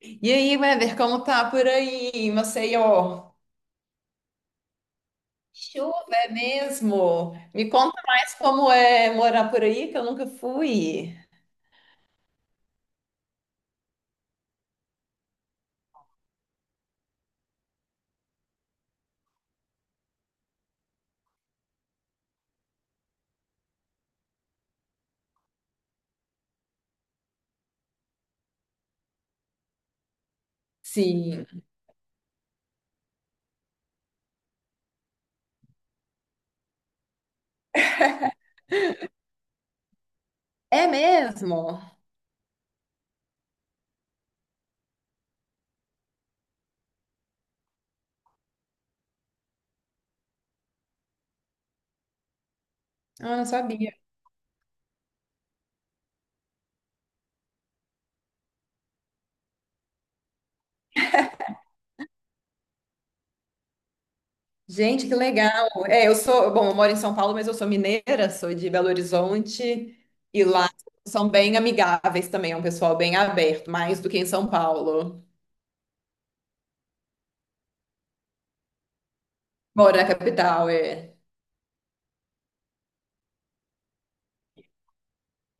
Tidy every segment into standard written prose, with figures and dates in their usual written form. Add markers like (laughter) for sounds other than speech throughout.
E aí, Weber, como tá por aí, em Maceió? Chuva é mesmo? Me conta mais como é morar por aí, que eu nunca fui. Sim. É mesmo? Ah, não sabia. Gente, que legal. É, eu sou, bom, eu moro em São Paulo, mas eu sou mineira, sou de Belo Horizonte e lá são bem amigáveis também, é um pessoal bem aberto, mais do que em São Paulo. Moro na capital, é.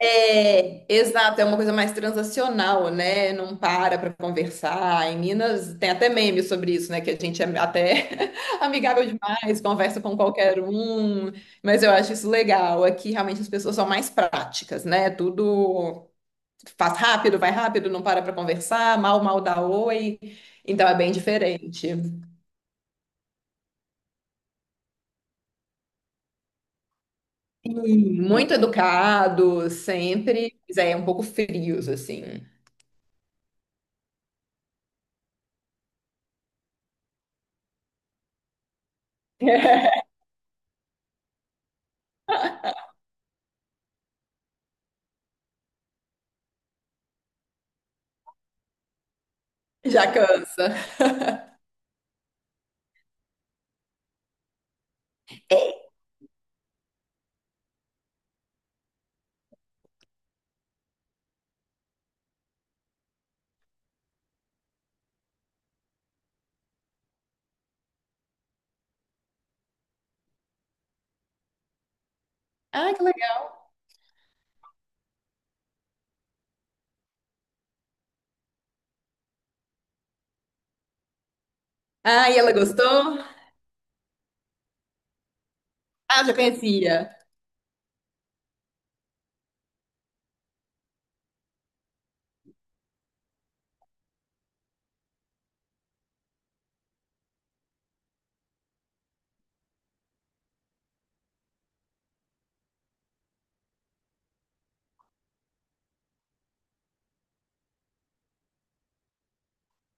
É, exato, é uma coisa mais transacional, né? Não para para conversar. Em Minas tem até meme sobre isso, né? Que a gente é até (laughs) amigável demais, conversa com qualquer um. Mas eu acho isso legal. Aqui realmente as pessoas são mais práticas, né? Tudo faz rápido, vai rápido, não para para conversar, mal, mal dá oi. Então é bem diferente. Sim, muito educado, sempre, mas é um pouco frios, assim. Já cansa. Ah, que legal. Ah, e ela gostou? Ah, já conhecia.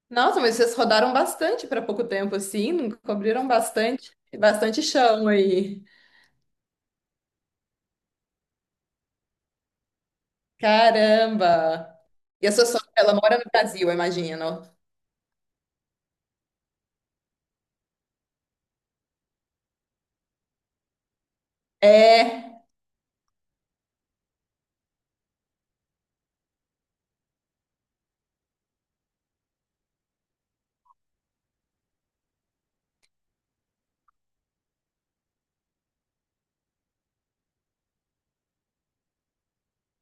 Nossa, mas vocês rodaram bastante para pouco tempo, assim, não cobriram bastante, bastante chão aí. Caramba! E a sua sogra, ela mora no Brasil, eu imagino. É,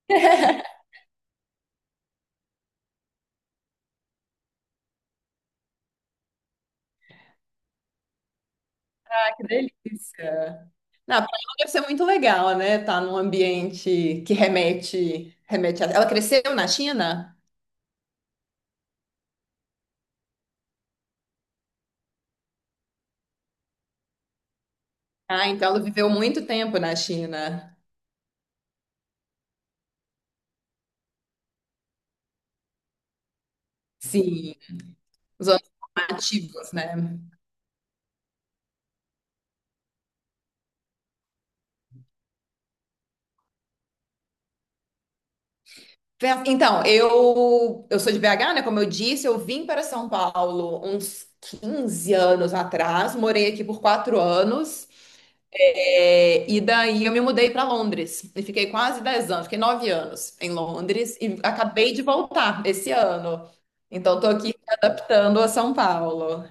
(laughs) ah, que delícia. Não, pra ela deve ser muito legal, né? Tá num ambiente que remete, remete a... Ela cresceu na China? Ah, então ela viveu muito tempo na China. Sim, os anos formativos, né? Então, eu sou de BH, né? Como eu disse, eu vim para São Paulo uns 15 anos atrás, morei aqui por 4 anos, é, e daí eu me mudei para Londres e fiquei quase 10 anos, fiquei 9 anos em Londres e acabei de voltar esse ano. Então, estou aqui me adaptando a São Paulo.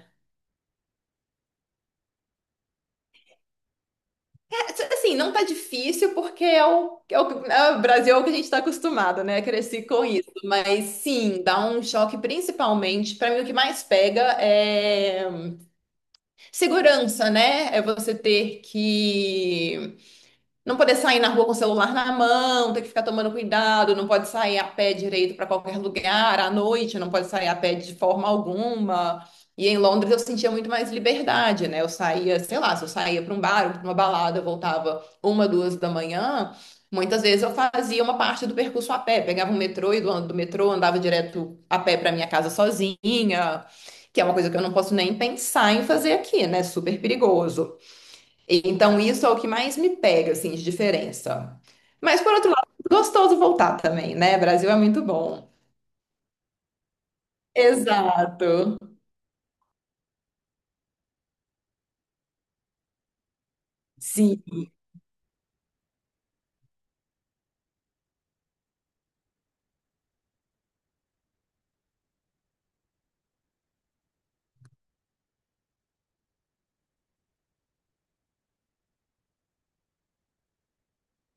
Assim, não tá difícil porque é o Brasil é o que a gente tá acostumado, né? Cresci com isso. Mas sim, dá um choque principalmente. Pra mim, o que mais pega é segurança, né? É você ter que não poder sair na rua com o celular na mão, ter que ficar tomando cuidado, não pode sair a pé direito para qualquer lugar, à noite não pode sair a pé de forma alguma. E em Londres eu sentia muito mais liberdade, né? Eu saía, sei lá, se eu saía para um bar ou para uma balada, eu voltava uma, duas da manhã, muitas vezes eu fazia uma parte do percurso a pé, pegava um metrô e do metrô andava direto a pé para minha casa sozinha, que é uma coisa que eu não posso nem pensar em fazer aqui, né? Super perigoso. Então, isso é o que mais me pega, assim, de diferença. Mas, por outro lado, gostoso voltar também, né? Brasil é muito bom. Exato. Sim.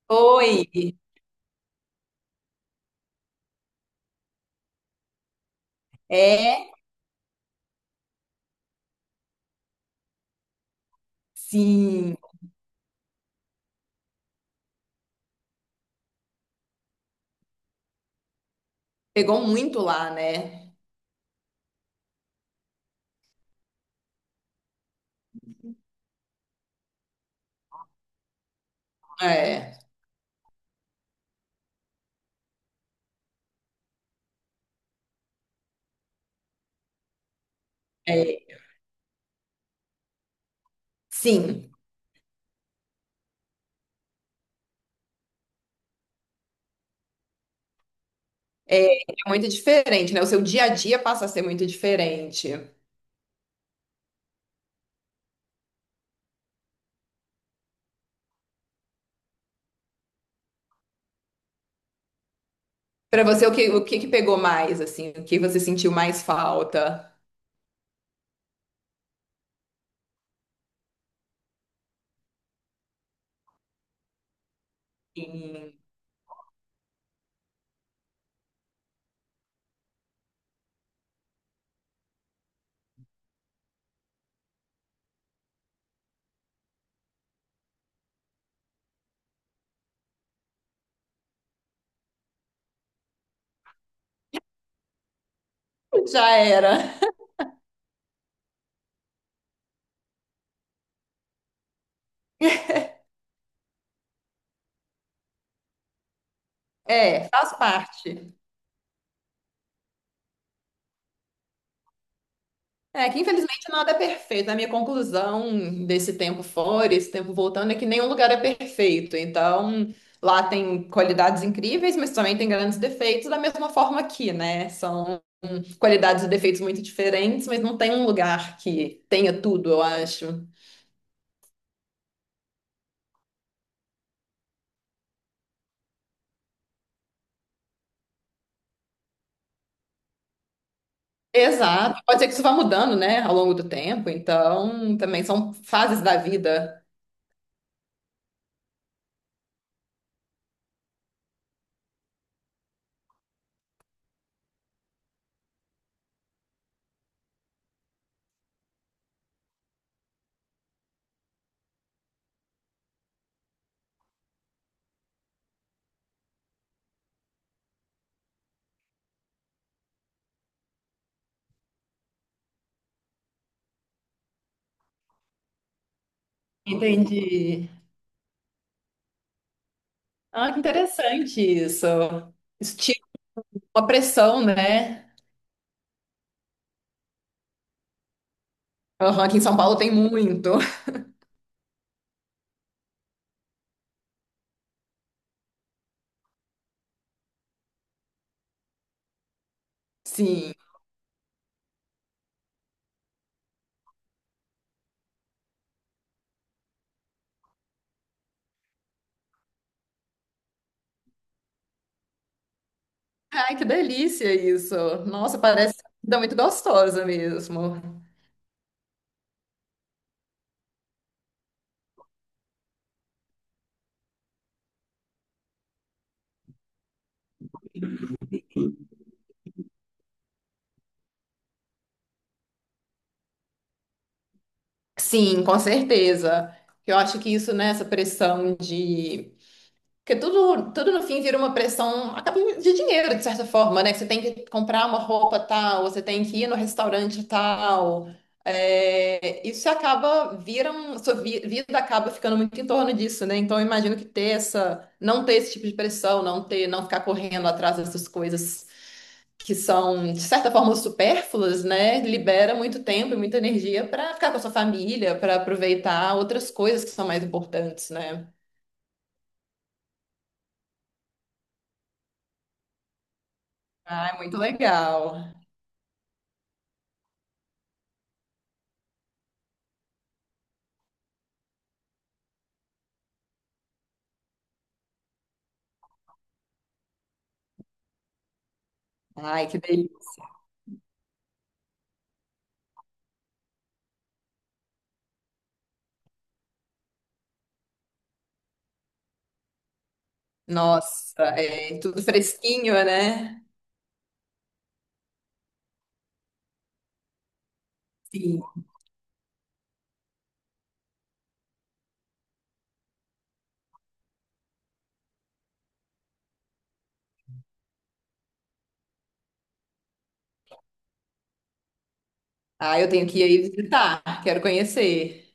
Oi. É, sim. Pegou muito lá, né? É, é. Sim. É muito diferente, né? O seu dia a dia passa a ser muito diferente. Para você, o que, o que pegou mais, assim? O que você sentiu mais falta? Sim. Já era. (laughs) É, faz parte. É que infelizmente nada é perfeito. A minha conclusão desse tempo fora, esse tempo voltando, é que nenhum lugar é perfeito. Então, lá tem qualidades incríveis, mas também tem grandes defeitos, da mesma forma aqui, né? São qualidades e defeitos muito diferentes, mas não tem um lugar que tenha tudo, eu acho. Exato. Pode ser que isso vá mudando, né, ao longo do tempo. Então, também são fases da vida. Entendi. Ah, que interessante isso. Isso tira uma pressão, né? Aham, aqui em São Paulo tem muito. Sim. Ai, que delícia isso. Nossa, parece uma comida muito gostosa mesmo. Sim, com certeza. Eu acho que isso, né, essa pressão de porque tudo no fim vira uma pressão acaba de dinheiro, de certa forma, né? Que você tem que comprar uma roupa tal, você tem que ir no restaurante tal. É, isso acaba, vira um, vida acaba ficando muito em torno disso, né? Então eu imagino que ter essa, não ter esse tipo de pressão, não ter, não ficar correndo atrás dessas coisas que são, de certa forma, supérfluas, né? Libera muito tempo e muita energia para ficar com a sua família, para aproveitar outras coisas que são mais importantes, né? Ah, é muito legal. Ai, que delícia. Nossa, é tudo fresquinho, né? Sim. Ah, eu tenho que ir aí visitar, quero conhecer.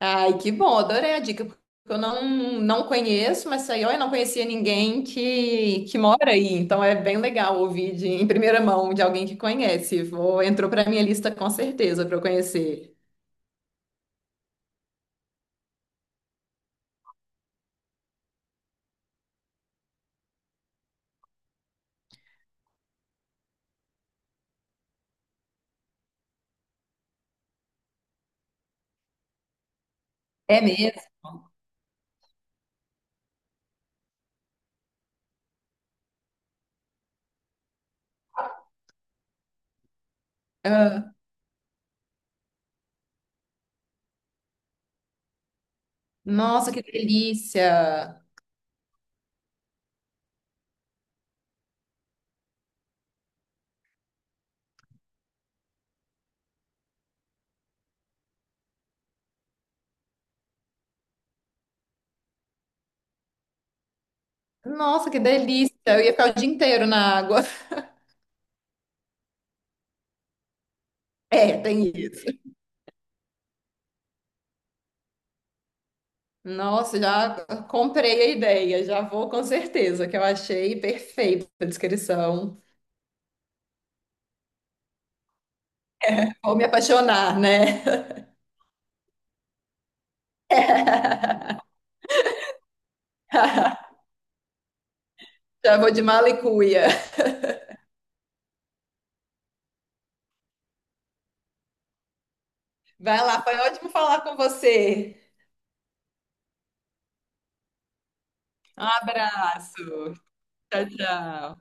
Ai, que bom, adorei a dica, porque eu não conheço, mas saiu eu não conhecia ninguém que mora aí, então é bem legal ouvir de, em primeira mão de alguém que conhece. Vou, entrou para minha lista com certeza para eu conhecer. É mesmo? Ah, nossa, que delícia! Nossa, que delícia! Eu ia ficar o dia inteiro na água. (laughs) É, tem isso. Nossa, já comprei a ideia, já vou com certeza, que eu achei perfeita a descrição. Vou me apaixonar, né? (laughs) Já vou de mala e cuia. Vai lá, foi ótimo falar com você. Um abraço. Tchau, tchau.